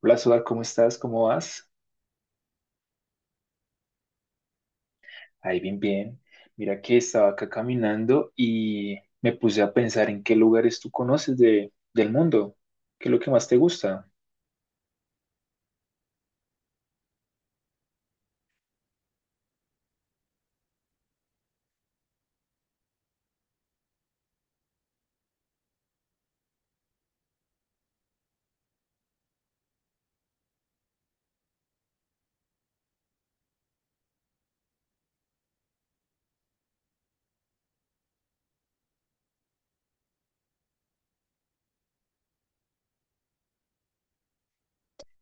Hola, Suar, ¿cómo estás? ¿Cómo vas? Ahí bien, bien. Mira que estaba acá caminando y me puse a pensar en qué lugares tú conoces del mundo. ¿Qué es lo que más te gusta?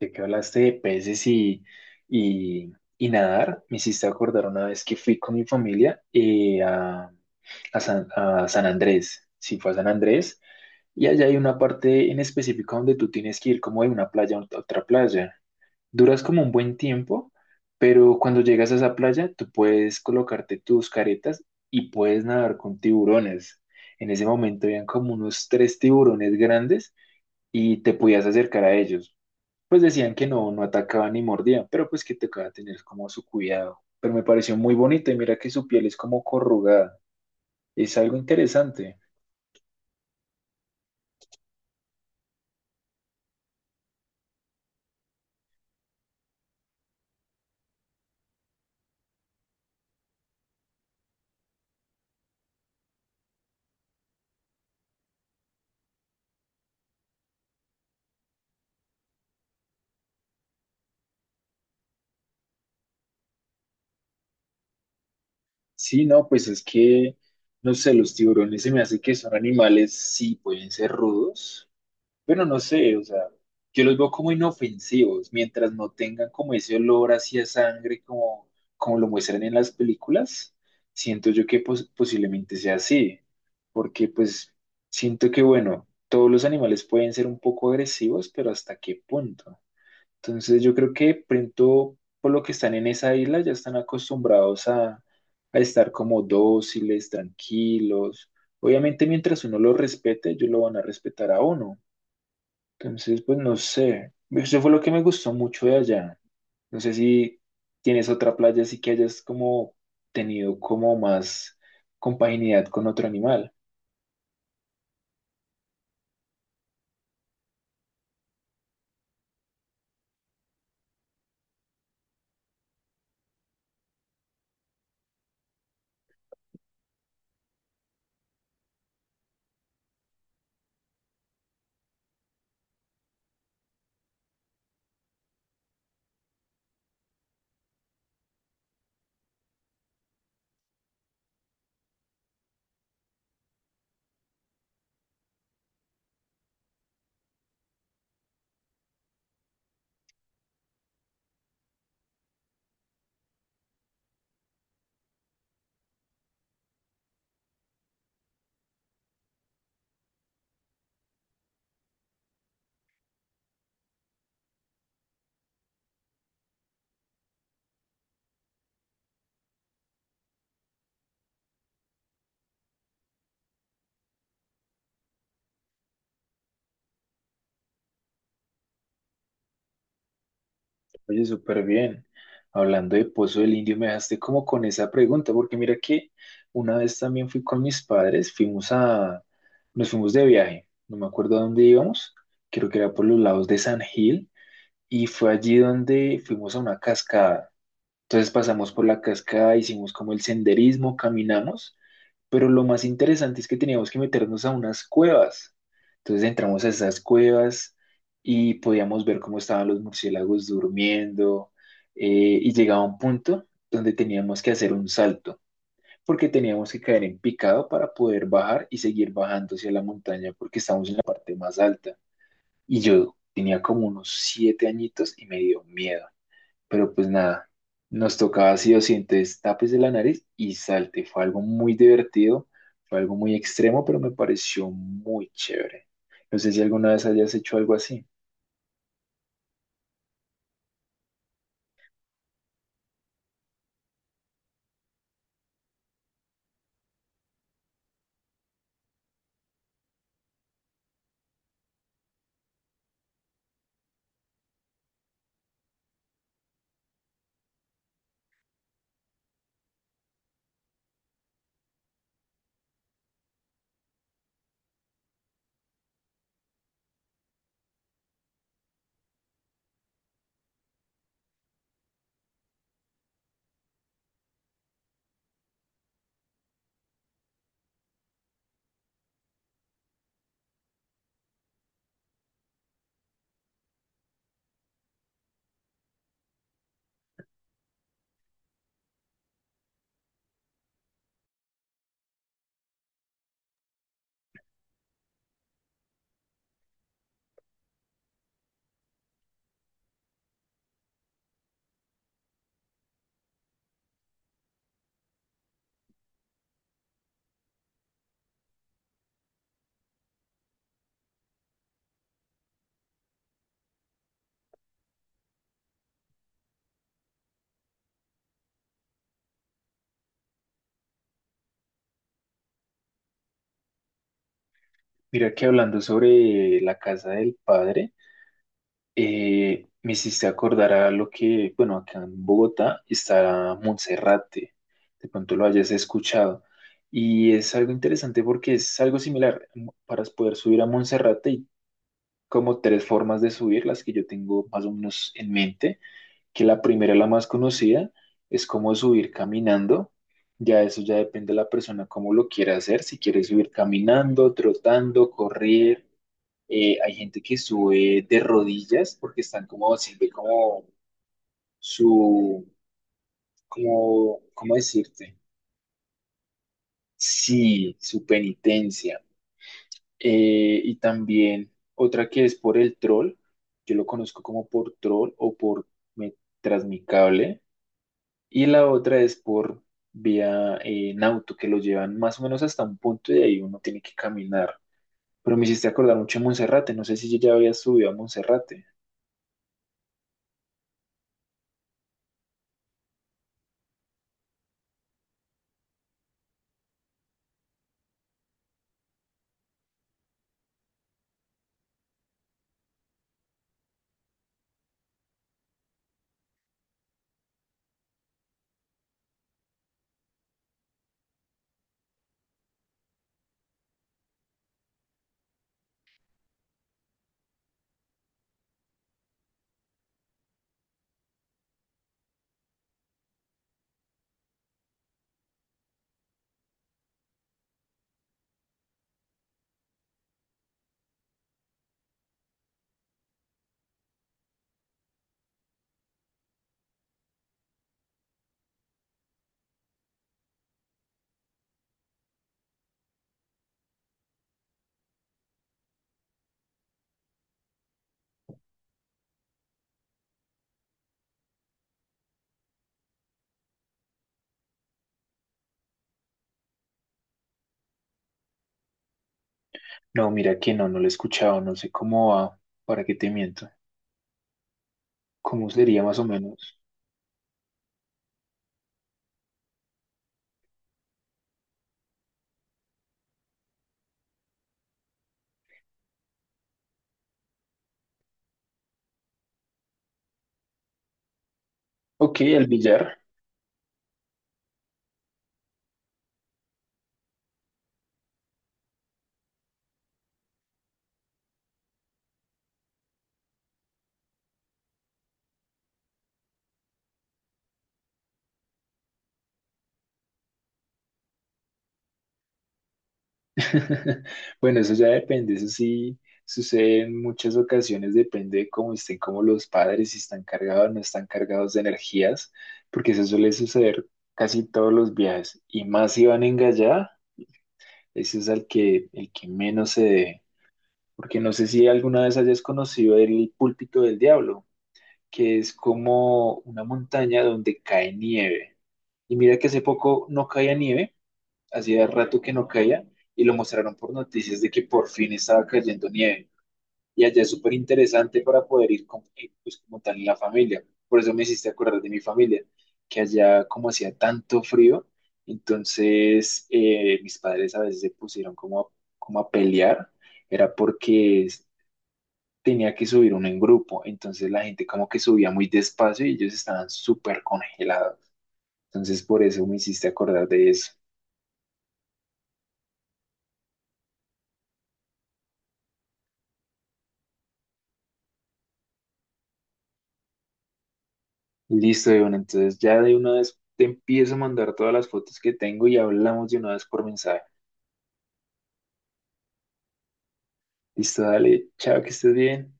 De que hablaste de peces y nadar. Me hiciste acordar una vez que fui con mi familia a San Andrés. Sí, fue a San Andrés. Y allá hay una parte en específico donde tú tienes que ir como de una playa a otra playa. Duras como un buen tiempo, pero cuando llegas a esa playa, tú puedes colocarte tus caretas y puedes nadar con tiburones. En ese momento habían como unos tres tiburones grandes y te podías acercar a ellos. Pues decían que no, no atacaban ni mordían, pero pues que tocaba tener como su cuidado. Pero me pareció muy bonito y mira que su piel es como corrugada. Es algo interesante. Sí, no, pues es que, no sé, los tiburones se me hace que son animales, sí, pueden ser rudos. Bueno, no sé, o sea, yo los veo como inofensivos, mientras no tengan como ese olor hacia sangre como lo muestran en las películas, siento yo que posiblemente sea así, porque pues siento que, bueno, todos los animales pueden ser un poco agresivos, pero ¿hasta qué punto? Entonces yo creo que pronto, por lo que están en esa isla, ya están acostumbrados a estar como dóciles, tranquilos. Obviamente mientras uno los respete, ellos lo van a respetar a uno, entonces, pues no sé. Eso fue lo que me gustó mucho de allá. No sé si tienes otra playa así que hayas como tenido como más compaginidad con otro animal. Oye, súper bien. Hablando de Pozo del Indio, me dejaste como con esa pregunta, porque mira que una vez también fui con mis padres, fuimos nos fuimos de viaje, no me acuerdo a dónde íbamos, creo que era por los lados de San Gil, y fue allí donde fuimos a una cascada. Entonces pasamos por la cascada, hicimos como el senderismo, caminamos, pero lo más interesante es que teníamos que meternos a unas cuevas. Entonces entramos a esas cuevas y podíamos ver cómo estaban los murciélagos durmiendo. Y llegaba un punto donde teníamos que hacer un salto, porque teníamos que caer en picado para poder bajar y seguir bajando hacia la montaña porque estamos en la parte más alta. Y yo tenía como unos 7 añitos y me dio miedo. Pero pues nada, nos tocaba así o sí, entonces tápese la nariz y salte. Fue algo muy divertido, fue algo muy extremo, pero me pareció muy chévere. No sé si alguna vez hayas hecho algo así. Mira que hablando sobre la casa del padre, me hiciste acordar a lo que, bueno, acá en Bogotá está Monserrate, de pronto lo hayas escuchado. Y es algo interesante porque es algo similar. Para poder subir a Monserrate y como tres formas de subir, las que yo tengo más o menos en mente, que la primera, la más conocida, es como subir caminando. Ya eso ya depende de la persona cómo lo quiera hacer, si quiere subir caminando, trotando, correr. Hay gente que sube de rodillas porque están como, sirve como su, como, ¿cómo decirte? Sí, su penitencia. Y también otra que es por el troll, yo lo conozco como por troll o por me- tras mi cable, y la otra es por vía en auto, que lo llevan más o menos hasta un punto y de ahí uno tiene que caminar. Pero me hiciste acordar mucho de Monserrate, no sé si ya había subido a Monserrate. No, mira que no, no lo he escuchado, no sé cómo va, para qué te miento, cómo sería más o menos. Ok, el billar. Bueno, eso ya depende, eso sí sucede en muchas ocasiones, depende de cómo estén como los padres, si están cargados o no están cargados de energías, porque eso suele suceder casi todos los viajes, y más si van en gallada, ese es al que, el que menos se debe, porque no sé si alguna vez hayas conocido el púlpito del diablo, que es como una montaña donde cae nieve, y mira que hace poco no caía nieve, hacía rato que no caía y lo mostraron por noticias de que por fin estaba cayendo nieve. Y allá es súper interesante para poder ir pues, como tal en la familia. Por eso me hiciste acordar de mi familia, que allá como hacía tanto frío, entonces mis padres a veces se pusieron como a pelear, era porque tenía que subir uno en grupo, entonces la gente como que subía muy despacio y ellos estaban súper congelados. Entonces por eso me hiciste acordar de eso. Listo, Iván. Entonces ya de una vez te empiezo a mandar todas las fotos que tengo y hablamos de una vez por mensaje. Listo, dale. Chao, que estés bien.